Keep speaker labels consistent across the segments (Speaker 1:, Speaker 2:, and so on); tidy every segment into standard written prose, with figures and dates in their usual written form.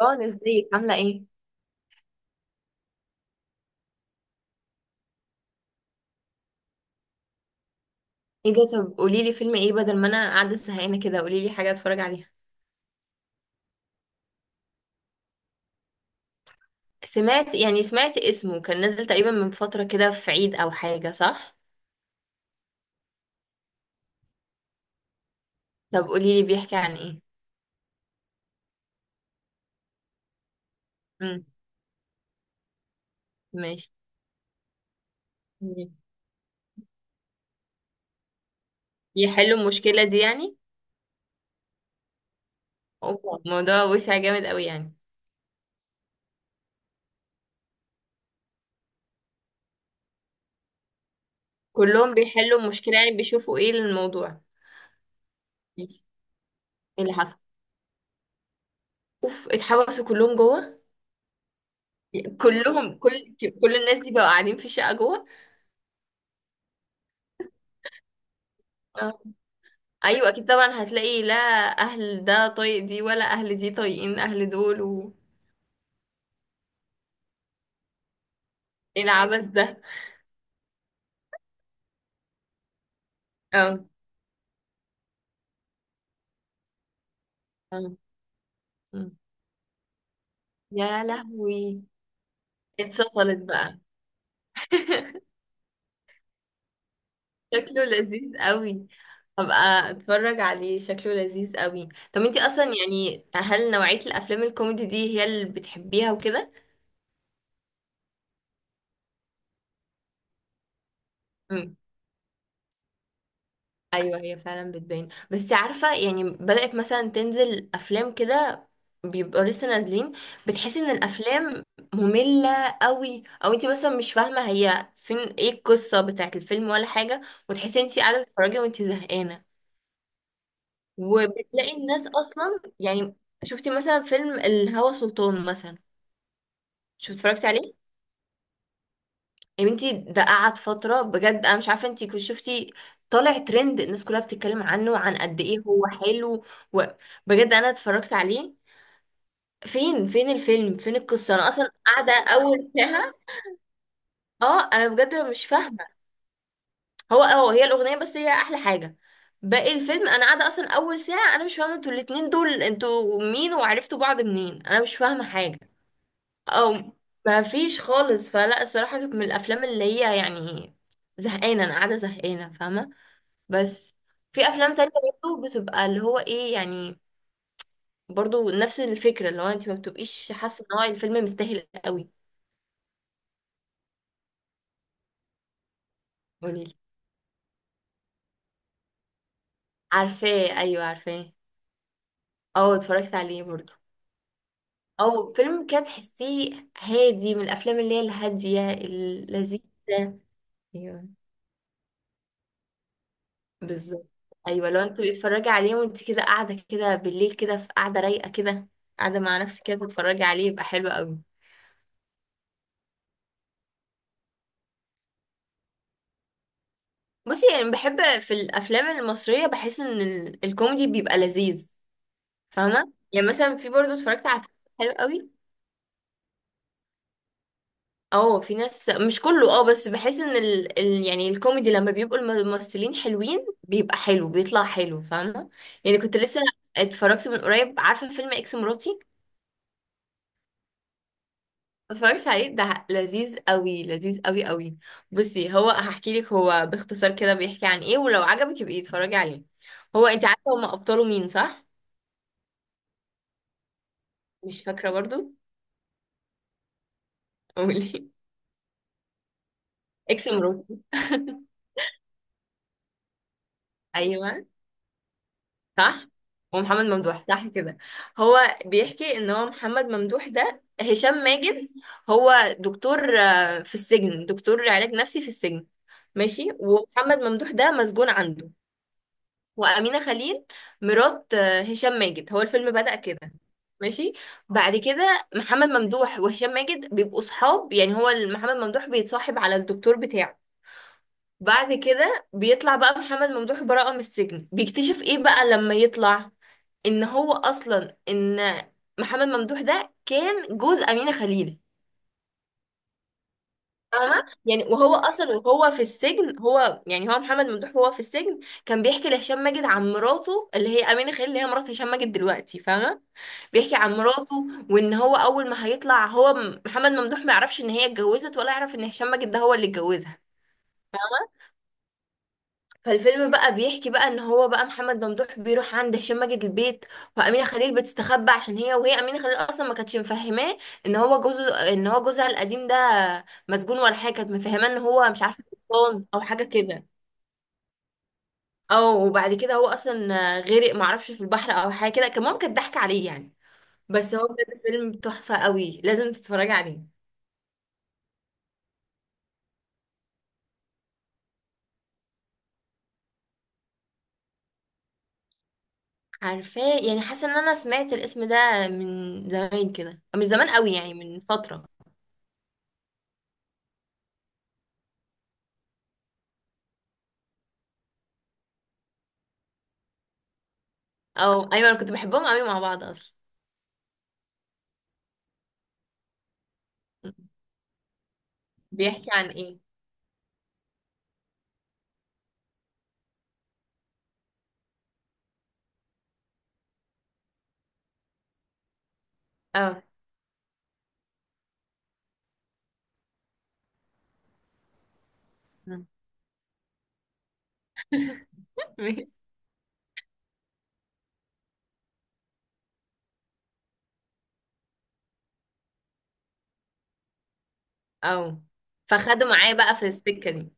Speaker 1: ران، ازيك عاملة ايه؟ ايه ده؟ طب قولي لي فيلم ايه، بدل ما انا قاعدة زهقانة كده. قولي لي حاجة اتفرج عليها. سمعت، يعني سمعت اسمه كان نازل تقريبا من فترة كده، في عيد او حاجة، صح؟ طب قولي لي بيحكي عن ايه؟ امم. ماشي. يحلوا المشكلة دي يعني؟ اوبا، الموضوع وسع جامد قوي يعني. كلهم بيحلوا المشكلة يعني، بيشوفوا ايه الموضوع. ماشي. ايه اللي حصل؟ اوف، اتحبسوا كلهم جوه؟ كلهم. كل الناس دي بقوا قاعدين في الشقة جوه؟ ايوه اكيد طبعا، هتلاقي لا اهل ده طايق دي ولا اهل دي طايقين اهل دول و... ايه العبث ده؟ اه. اه. مم. يا لهوي، اتسطلت بقى. شكله لذيذ قوي. هبقى اتفرج عليه، شكله لذيذ قوي. طب انتي اصلا يعني، هل نوعية الافلام الكوميدي دي هي اللي بتحبيها وكده؟ ايوه هي فعلا بتبان، بس عارفه يعني، بدأت مثلا تنزل افلام كده، بيبقوا لسه نازلين، بتحسي ان الافلام ممله قوي، او انت مثلا مش فاهمه هي فين، ايه القصه بتاعت الفيلم ولا حاجه، وتحسي انت قاعده بتتفرجي وانت زهقانه، وبتلاقي الناس اصلا يعني. شفتي مثلا فيلم الهوى سلطان مثلا؟ شو اتفرجت عليه؟ يا بنتي ده قعد فترة بجد، أنا مش عارفة انتي كنت شفتي. طالع ترند، الناس كلها بتتكلم عنه وعن قد ايه هو حلو، وبجد أنا اتفرجت عليه. فين الفيلم، فين القصة؟ أنا أصلا قاعدة أول ساعة. اه أنا بجد مش فاهمة. هو اه هي الأغنية بس هي أحلى حاجة. باقي الفيلم أنا قاعدة أصلا أول ساعة، أنا مش فاهمة، انتوا الاتنين دول انتوا مين وعرفتوا بعض منين؟ أنا مش فاهمة حاجة. أو ما فيش خالص، فلا الصراحة كانت من الأفلام اللي هي يعني، زهقانة. أنا قاعدة زهقانة، فاهمة؟ بس في افلام تانية برضه بتبقى اللي هو ايه يعني، برضه نفس الفكرة، اللي هو انت ما بتبقيش حاسة ان هو الفيلم مستاهل قوي. قوليلي. عارفاه، ايوه عارفاه. اه اتفرجت عليه برضه. او فيلم كده تحسيه هادي، من الافلام اللي هي الهادية اللذيذة. ايوه، بالظبط. ايوه لو انت بتتفرجي عليه وانت كده قاعدة كده بالليل كده، في قاعدة رايقة كده، قاعدة مع نفسك كده تتفرجي عليه، يبقى حلو قوي. بصي يعني بحب في الافلام المصريه، بحس ان الكوميدي بيبقى لذيذ. فاهمه؟ يعني مثلا في برضه اتفرجت على فيلم حلو قوي. اه في ناس مش كله، بس بحس ان يعني الكوميدي لما بيبقوا الممثلين حلوين بيبقى حلو، بيطلع حلو، فاهمه؟ يعني كنت لسه اتفرجت من قريب، عارفه فيلم اكس مراتي؟ ما اتفرجتش عليه، ده لذيذ قوي، لذيذ قوي قوي. بصي، هو هحكي لك هو باختصار كده بيحكي عن ايه، ولو عجبك يبقي اتفرجي عليه. هو انت عارفه هما ابطاله مين، صح؟ مش فاكره برضو. قولي. اكس مراتي. ايوه، صح، ومحمد ممدوح، صح كده. هو بيحكي ان هو محمد ممدوح ده، هشام ماجد هو دكتور، في السجن، دكتور علاج نفسي في السجن. ماشي. ومحمد ممدوح ده مسجون عنده. وأمينة خليل مرات هشام ماجد. هو الفيلم بدأ كده. ماشي. بعد كده محمد ممدوح وهشام ماجد بيبقوا صحاب، يعني هو محمد ممدوح بيتصاحب على الدكتور بتاعه. بعد كده بيطلع بقى محمد ممدوح براءة من السجن، بيكتشف ايه بقى لما يطلع؟ ان هو اصلا، ان محمد ممدوح ده كان جوز أمينة خليل. فاهمة؟ يعني وهو اصلا وهو في السجن، هو يعني، هو محمد ممدوح وهو في السجن كان بيحكي لهشام ماجد عن مراته اللي هي أمينة خليل، اللي هي مرات هشام ماجد دلوقتي، فاهمة؟ بيحكي عن مراته، وان هو اول ما هيطلع، هو محمد ممدوح ما يعرفش ان هي اتجوزت، ولا يعرف ان هشام ماجد ده هو اللي اتجوزها. فالفيلم بقى بيحكي بقى ان هو بقى محمد ممدوح بيروح عند هشام ماجد البيت، وامينه خليل بتستخبى عشان هي، وهي امينه خليل اصلا ما كانتش مفهماه ان هو جوزه، ان هو جوزها القديم ده مسجون ولا حاجه. كانت مفهماه ان هو مش عارفه، قبطان او حاجه كده، او وبعد كده هو اصلا غرق معرفش في البحر او حاجه كده. كان ماما كانت ضحك عليه يعني. بس هو بجد فيلم تحفه قوي، لازم تتفرجي عليه. عارفاه، يعني حاسه ان انا سمعت الاسم ده من زمان كده، مش زمان قوي يعني، من فتره. او ايوه، انا كنت بحبهم قوي مع بعض اصلا. بيحكي عن ايه؟ اه. اه. فخدوا معايا بقى في السكه دي.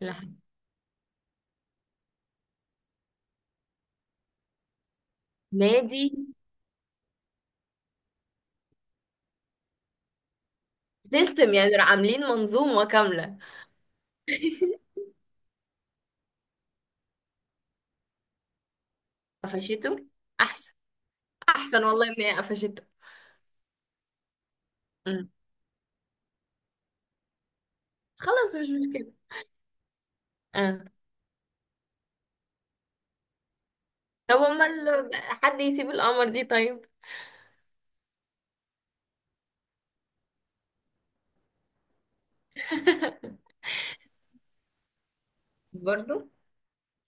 Speaker 1: لح- نادي. سيستم يعني، راح عاملين منظومه كامله. قفشته، احسن. احسن والله ان هي قفشته. أمم. خلاص مش مشكله. اه. طب امال، حد يسيب القمر دي طيب؟ برضو.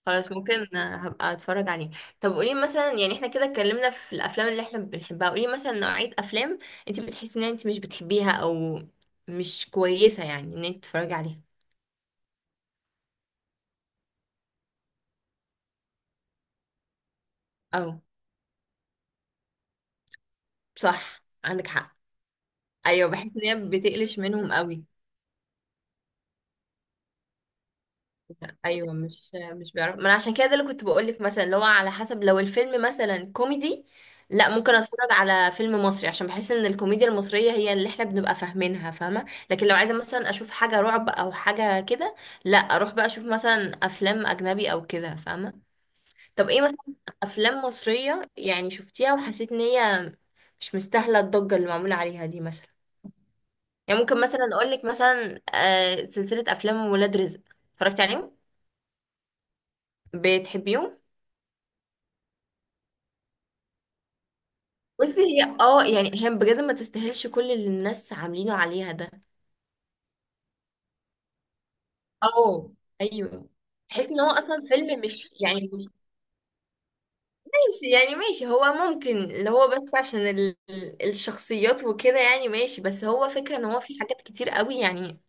Speaker 1: خلاص، ممكن هبقى اتفرج عليه. طب قولي مثلا يعني، احنا كده اتكلمنا في الافلام اللي احنا بنحبها، قولي مثلا نوعية افلام انت بتحسي ان انت مش بتحبيها، او مش كويسة يعني ان انت تتفرجي عليها. او صح، عندك حق. ايوه بحس ان هي بتقلش منهم قوي. ايوه، مش بيعرف. ما انا عشان كده ده اللي كنت بقول لك، مثلا اللي هو على حسب، لو الفيلم مثلا كوميدي، لا ممكن اتفرج على فيلم مصري، عشان بحس ان الكوميديا المصريه هي اللي احنا بنبقى فاهمينها، فاهمه؟ لكن لو عايزه مثلا اشوف حاجه رعب او حاجه كده، لا اروح بقى اشوف مثلا افلام اجنبي او كده، فاهمه؟ طب ايه مثلا افلام مصريه يعني شفتيها وحسيت ان هي مش مستاهله الضجه اللي معموله عليها دي مثلا؟ يعني ممكن مثلا اقول لك مثلا سلسله افلام ولاد رزق. اتفرجتي عليهم؟ بتحبيهم؟ بصي هي يعني هي بجد ما تستاهلش كل اللي الناس عاملينه عليها ده. اه ايوه، تحس ان هو اصلا فيلم مش يعني مش ماشي يعني، ماشي هو ممكن اللي هو بس عشان الشخصيات وكده، يعني ماشي، بس هو فكرة ان هو في حاجات كتير قوي يعني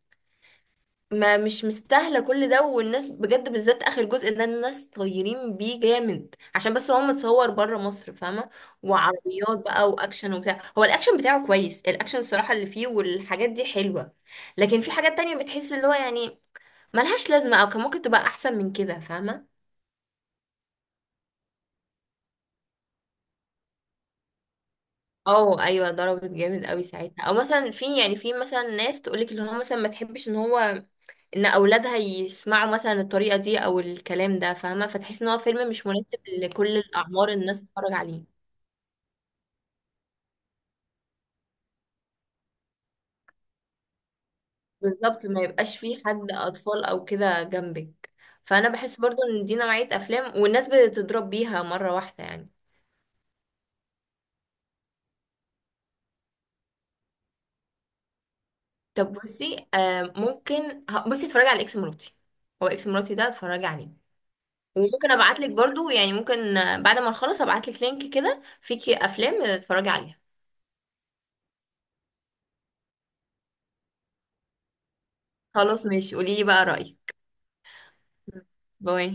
Speaker 1: ما مش مستاهله كل ده. والناس بجد بالذات اخر جزء ده، الناس طايرين بيه جامد عشان بس هو متصور بره مصر، فاهمه؟ وعربيات بقى واكشن وبتاع، هو الاكشن بتاعه كويس، الاكشن الصراحه اللي فيه والحاجات دي حلوه، لكن في حاجات تانية بتحس اللي هو يعني ملهاش لازمه، او كان ممكن تبقى احسن من كده، فاهمه؟ اه ايوه، ضربت جامد قوي ساعتها. او مثلا في يعني في مثلا ناس تقولك اللي هو مثلا ما تحبش ان هو ان اولادها يسمعوا مثلا الطريقه دي او الكلام ده، فاهمه؟ فتحس ان هو فيلم مش مناسب لكل الاعمار الناس تتفرج عليه. بالظبط، ما يبقاش فيه حد اطفال او كده جنبك. فانا بحس برضو ان دي نوعيه افلام والناس بتضرب بيها مره واحده يعني. طب بصي آه ممكن ه- بصي اتفرجي على اكس مراتي. هو اكس مراتي ده اتفرجي عليه. وممكن ابعت لك برضو يعني، ممكن بعد ما نخلص ابعت لك لينك كده فيكي افلام اتفرجي عليها. خلاص ماشي، قولي لي بقى رايك. باي.